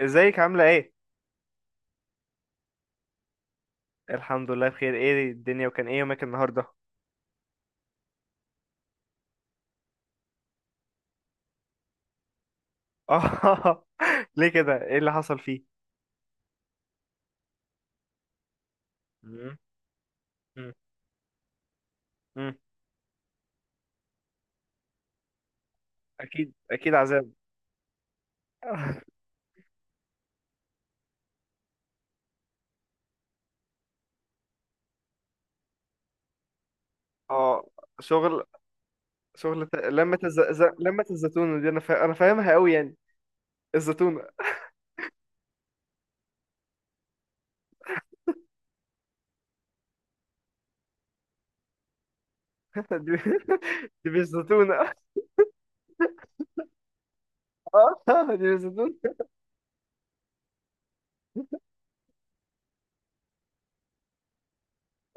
ازيك عاملة ايه؟ الحمد لله بخير، ايه الدنيا وكان ايه يومك النهاردة؟ اه ليه كده؟ ايه اللي حصل فيه؟ مم، مم، مم. اكيد اكيد عذاب. اه شغل لما الزتونة دي، انا فاهمها قوي يعني. الزتونة. دي, دي مش زتونة. اه دي مش زتونة.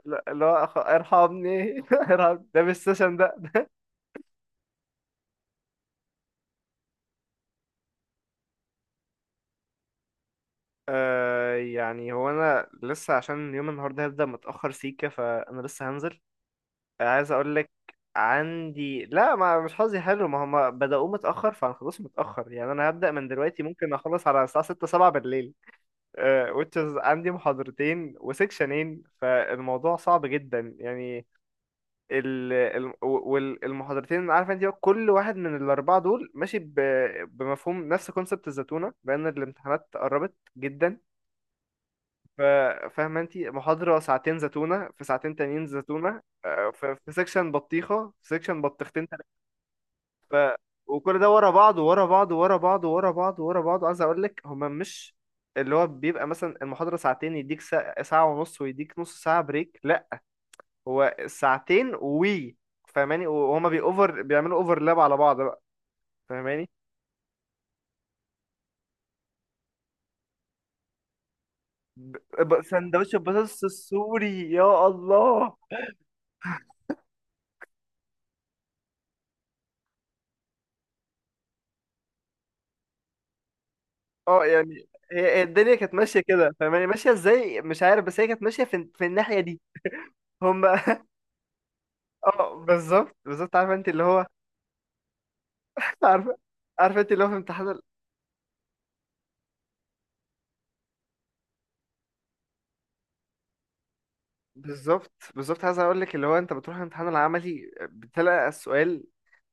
لا اللي هو ارحمني. ارحمني، ده مش سيشن ده. آه يعني هو انا لسه، عشان يوم النهارده هبدأ متأخر سيكة فانا لسه هنزل. عايز اقول لك عندي، لا، ما مش حظي حلو، ما هم بدأوه متأخر فانا خلاص متأخر يعني. انا هبدأ من دلوقتي ممكن اخلص على الساعة 6 7 بالليل. آه، which is عندي محاضرتين وسكشنين فالموضوع صعب جدا يعني. والمحاضرتين، عارف انت، كل واحد من الاربعة دول ماشي بمفهوم نفس كونسبت الزتونة لان الامتحانات قربت جدا. ف- فاهمه انت، محاضره ساعتين زتونه في ساعتين تانيين زتونه. آه، في سيكشن بطيخه، في سيكشن بطيختين تلاتة. ف- وكل ده ورا بعض ورا بعض ورا بعض ورا بعض ورا بعض، عايز اقول لك هما مش اللي هو بيبقى مثلا المحاضره ساعتين يديك ساعه ونص ويديك نص ساعه بريك، لا، هو ساعتين وي فاهماني، وهما بيأوفر بيعملوا اوفرلاب على بعض بقى، فاهماني. سندوتش البطاطس السوري، يا الله! اه يعني هي الدنيا كانت ماشيه كده فاهماني، ماشيه ازاي مش عارف، بس هي كانت ماشيه في الناحيه دي. هم. اه بالظبط، بالظبط، عارفه انت اللي هو. عارفه، عارفه انت اللي هو في امتحان بالظبط بالظبط. عايز اقول لك، اللي هو انت بتروح الامتحان العملي بتلاقي السؤال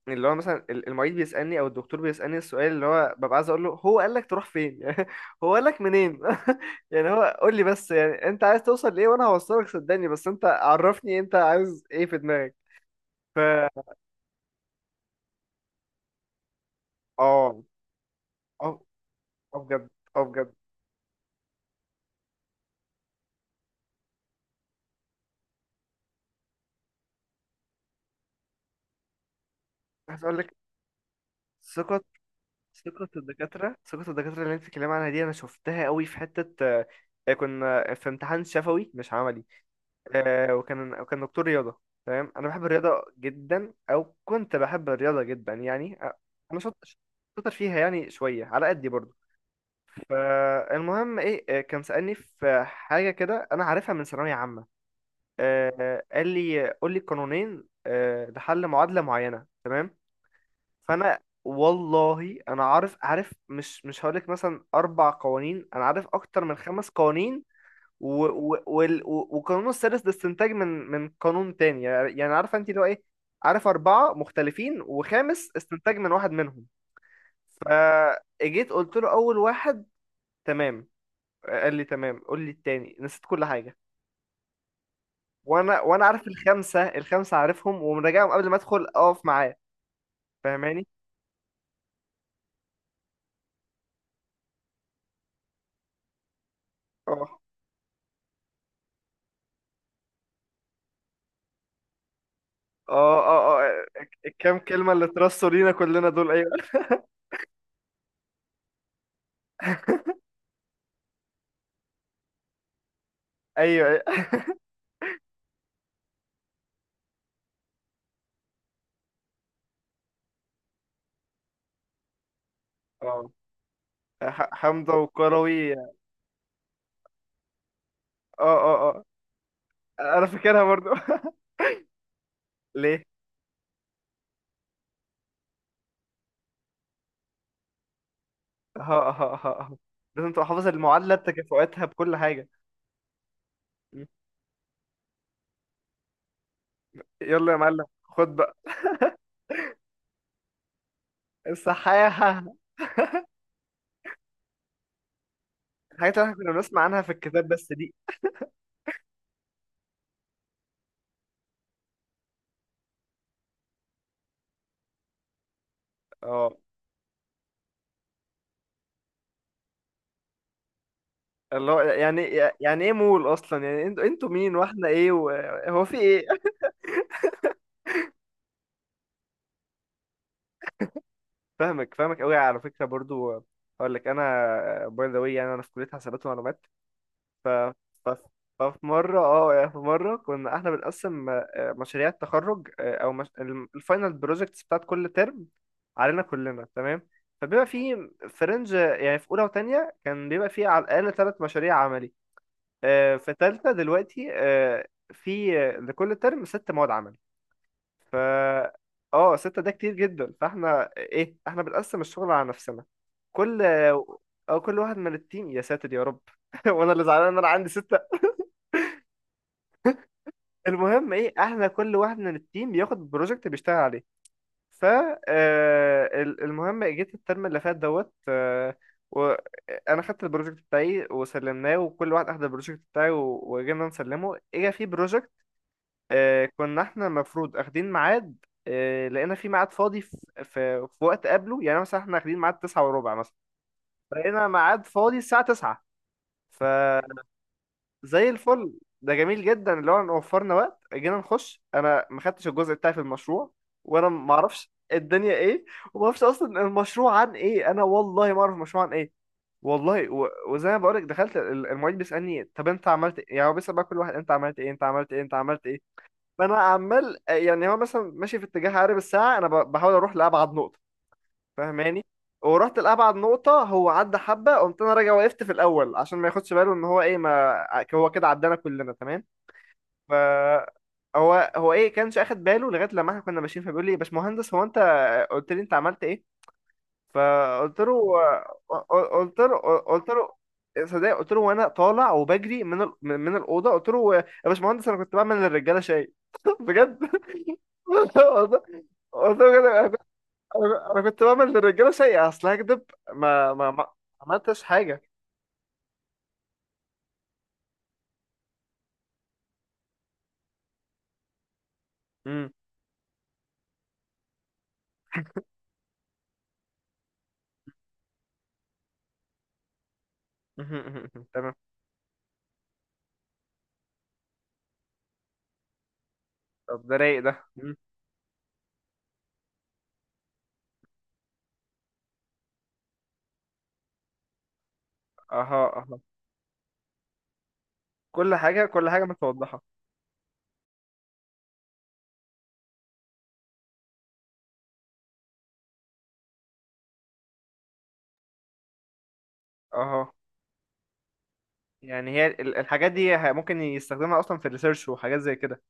اللي هو مثلا المعيد بيسالني او الدكتور بيسالني السؤال، اللي هو ببقى عايز اقول له هو قال لك تروح فين؟ يعني هو قال لك منين؟ يعني، هو قول لي بس، يعني انت عايز توصل لايه وانا هوصلك صدقني، بس انت عرفني انت عايز ايه في دماغك. ف اه اه اه بجد، اه بجد. عايز اقول لك، ثقة، ثقة الدكاترة، ثقة الدكاترة اللي انت بتتكلمي عنها دي انا شفتها قوي في حتة. آه، كنا في امتحان شفوي مش عملي. آه، وكان دكتور رياضة، تمام. انا بحب الرياضة جدا او كنت بحب الرياضة جدا يعني. آه، انا شاطر، شاطر فيها، يعني شوية على قدي برضه. فالمهم ايه، آه، كان سألني في حاجة كده انا عارفها من ثانوية عامة. آه، قال لي قول لي قانونين، آه، لحل معادلة معينة، تمام. فانا والله انا عارف، عارف، مش هقولك مثلا اربع قوانين، انا عارف اكتر من خمس قوانين. و و وال- و والقانون السادس ده استنتاج من قانون تاني يعني، يعني عارفه انت اللي هو ايه. عارف اربعه مختلفين وخامس استنتاج من واحد منهم. فاجيت قلت له اول واحد، تمام، قال لي تمام قول لي التاني، نسيت كل حاجه. وانا عارف الخمسه، الخمسه عارفهم ومراجعهم قبل ما ادخل اقف معاه، فاهماني. اه اه اه اه. الكام كلمة اللي اترصوا لينا كلنا دول، ايوه ايوه ايوه. اه حمزة وكروي، اه اه اه. انا فاكرها برضو. ليه؟ ها ها، ها ها. لازم تبقى حافظ المعادلة بتكافؤاتها بكل حاجة. م. يلا يا معلم خد بقى. الصحاحة. الحاجات اللي احنا كنا بنسمع عنها في الكتاب بس دي. اه اللي هو يعني، يعني ايه مول اصلا يعني، انتوا انتوا مين واحنا ايه و- هو في ايه. فاهمك، فاهمك قوي على فكره برضو. اقول لك انا باي ذا واي، يعني انا في كليه حسابات ومعلومات. ف ف ففي مره، اه يعني في مره كنا احنا بنقسم آه، مشاريع التخرج، آه، او مش... الفاينل بروجكتس بتاعت كل ترم علينا كلنا، تمام. فبيبقى في فرنج، يعني في اولى وتانية كان بيبقى في على الاقل ثلاث مشاريع عملي. آه، في تالتة دلوقتي، آه، في آه، لكل ترم ست مواد عمل. ف اه ستة ده كتير جدا. فاحنا ايه، احنا بنقسم الشغل على نفسنا، كل او كل واحد من التيم، يا ساتر يا رب. وانا اللي زعلان ان انا عندي ستة. المهم ايه، احنا كل واحد من التيم ياخد بروجكت بيشتغل عليه. ف آه، المهم، جيت الترم اللي فات دوت، آه، وانا خدت البروجكت بتاعي وسلمناه، وكل واحد اخد البروجكت بتاعي وجينا نسلمه، اجا في بروجكت آه، كنا احنا المفروض اخدين ميعاد. آه، لقينا في ميعاد فاضي في وقت قبله، يعني مثلا احنا اخدين ميعاد تسعة وربع مثلا، لقينا ميعاد فاضي الساعة تسعة، فزي الفل. ده جميل جدا اللي هو إن وفرنا وقت، جينا نخش انا ما خدتش الجزء بتاعي في المشروع. وانا ما اعرفش الدنيا ايه، وما اعرفش اصلا المشروع عن ايه، انا والله ما اعرف المشروع عن ايه. والله وزي ما بقولك، دخلت المعيد بيسألني طب انت عملت ايه، يعني هو بيسأل بقى كل واحد انت عملت ايه، انت عملت ايه، انت عملت ايه. ما انا عمال، يعني هو مثلا ماشي في اتجاه عقارب الساعه، انا بحاول اروح لابعد نقطه، فاهماني، ورحت لابعد نقطه هو عدى حبه، قمت انا راجع وقفت في الاول عشان ما ياخدش باله ان هو ايه، ما هو كده عدانا كلنا تمام. ف هو ايه كانش اخد باله لغايه لما احنا كنا ماشيين، فبيقول لي يا باشمهندس هو انت قلت لي انت عملت ايه. فقلت له قلت له قلت له صدق، قلت له وانا طالع وبجري من من الاوضه، قلت له يا باشمهندس انا كنت بعمل للرجاله شاي. بجد والله، والله بجد. انا كنت بعمل للرجاله سيئه اصل هكدب، ما عملتش حاجه. امم تمام. طب ده رايق ده، مم. اها اها. كل حاجه، كل حاجه متوضحه. اها، يعني هي الحاجات دي ممكن يستخدمها اصلا في الريسيرش وحاجات زي كده.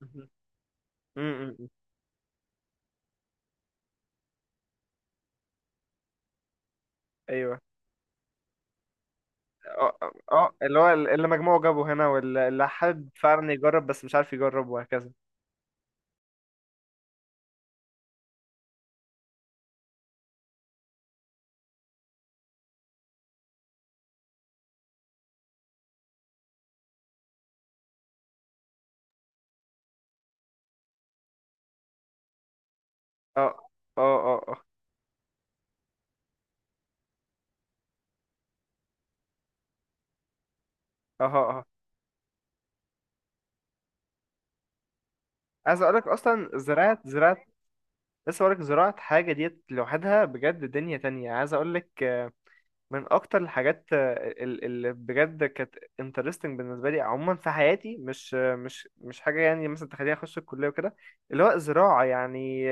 مهم. مم، مم. مم. ايوه اه اه. آه، اللي هو اللي مجموعه جابه هنا، واللي اللي حابب فعلا يجرب بس مش عارف يجرب، وهكذا. اه اه اه اه. اها اها. عايز اقول لك اصلا زراعه زراعه، لسه بقولك زراعة حاجة ديت لوحدها بجد دنيا تانية. عايز أقولك آه، من أكتر الحاجات آه، اللي بجد كانت interesting بالنسبة لي عموما في حياتي، مش آه، مش حاجة يعني مثلا تخليني أخش الكلية وكده، اللي هو زراعة يعني.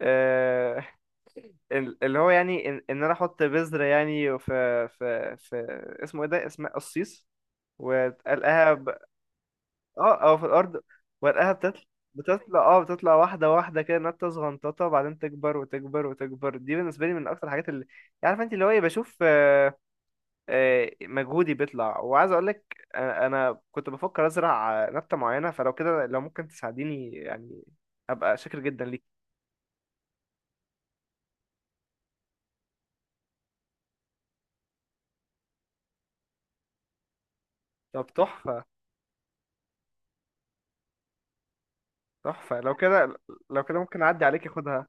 آه، اللي هو يعني إن أنا أحط بذرة يعني في اسمه إيه ده، اسمها قصيص وتقلقها. اه او في الارض، ورقها بتطلع بتطلع، بتطلع واحده واحده كده نبته صغنططه بعدين تكبر وتكبر وتكبر. دي بالنسبه لي من اكتر الحاجات اللي عارف انت اللي هو ايه، بشوف آه، آه، مجهودي بيطلع. وعايز اقول لك انا، أنا كنت بفكر ازرع آه، نبته معينه فلو كده، لو ممكن تساعديني يعني ابقى شاكر جدا ليك. طب تحفه، تحفه لو كده، لو كده ممكن اعدي عليك اخدها.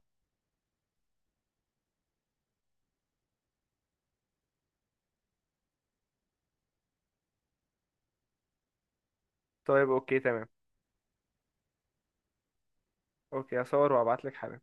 طيب اوكي تمام. اوكي هصور وابعت لك حالا.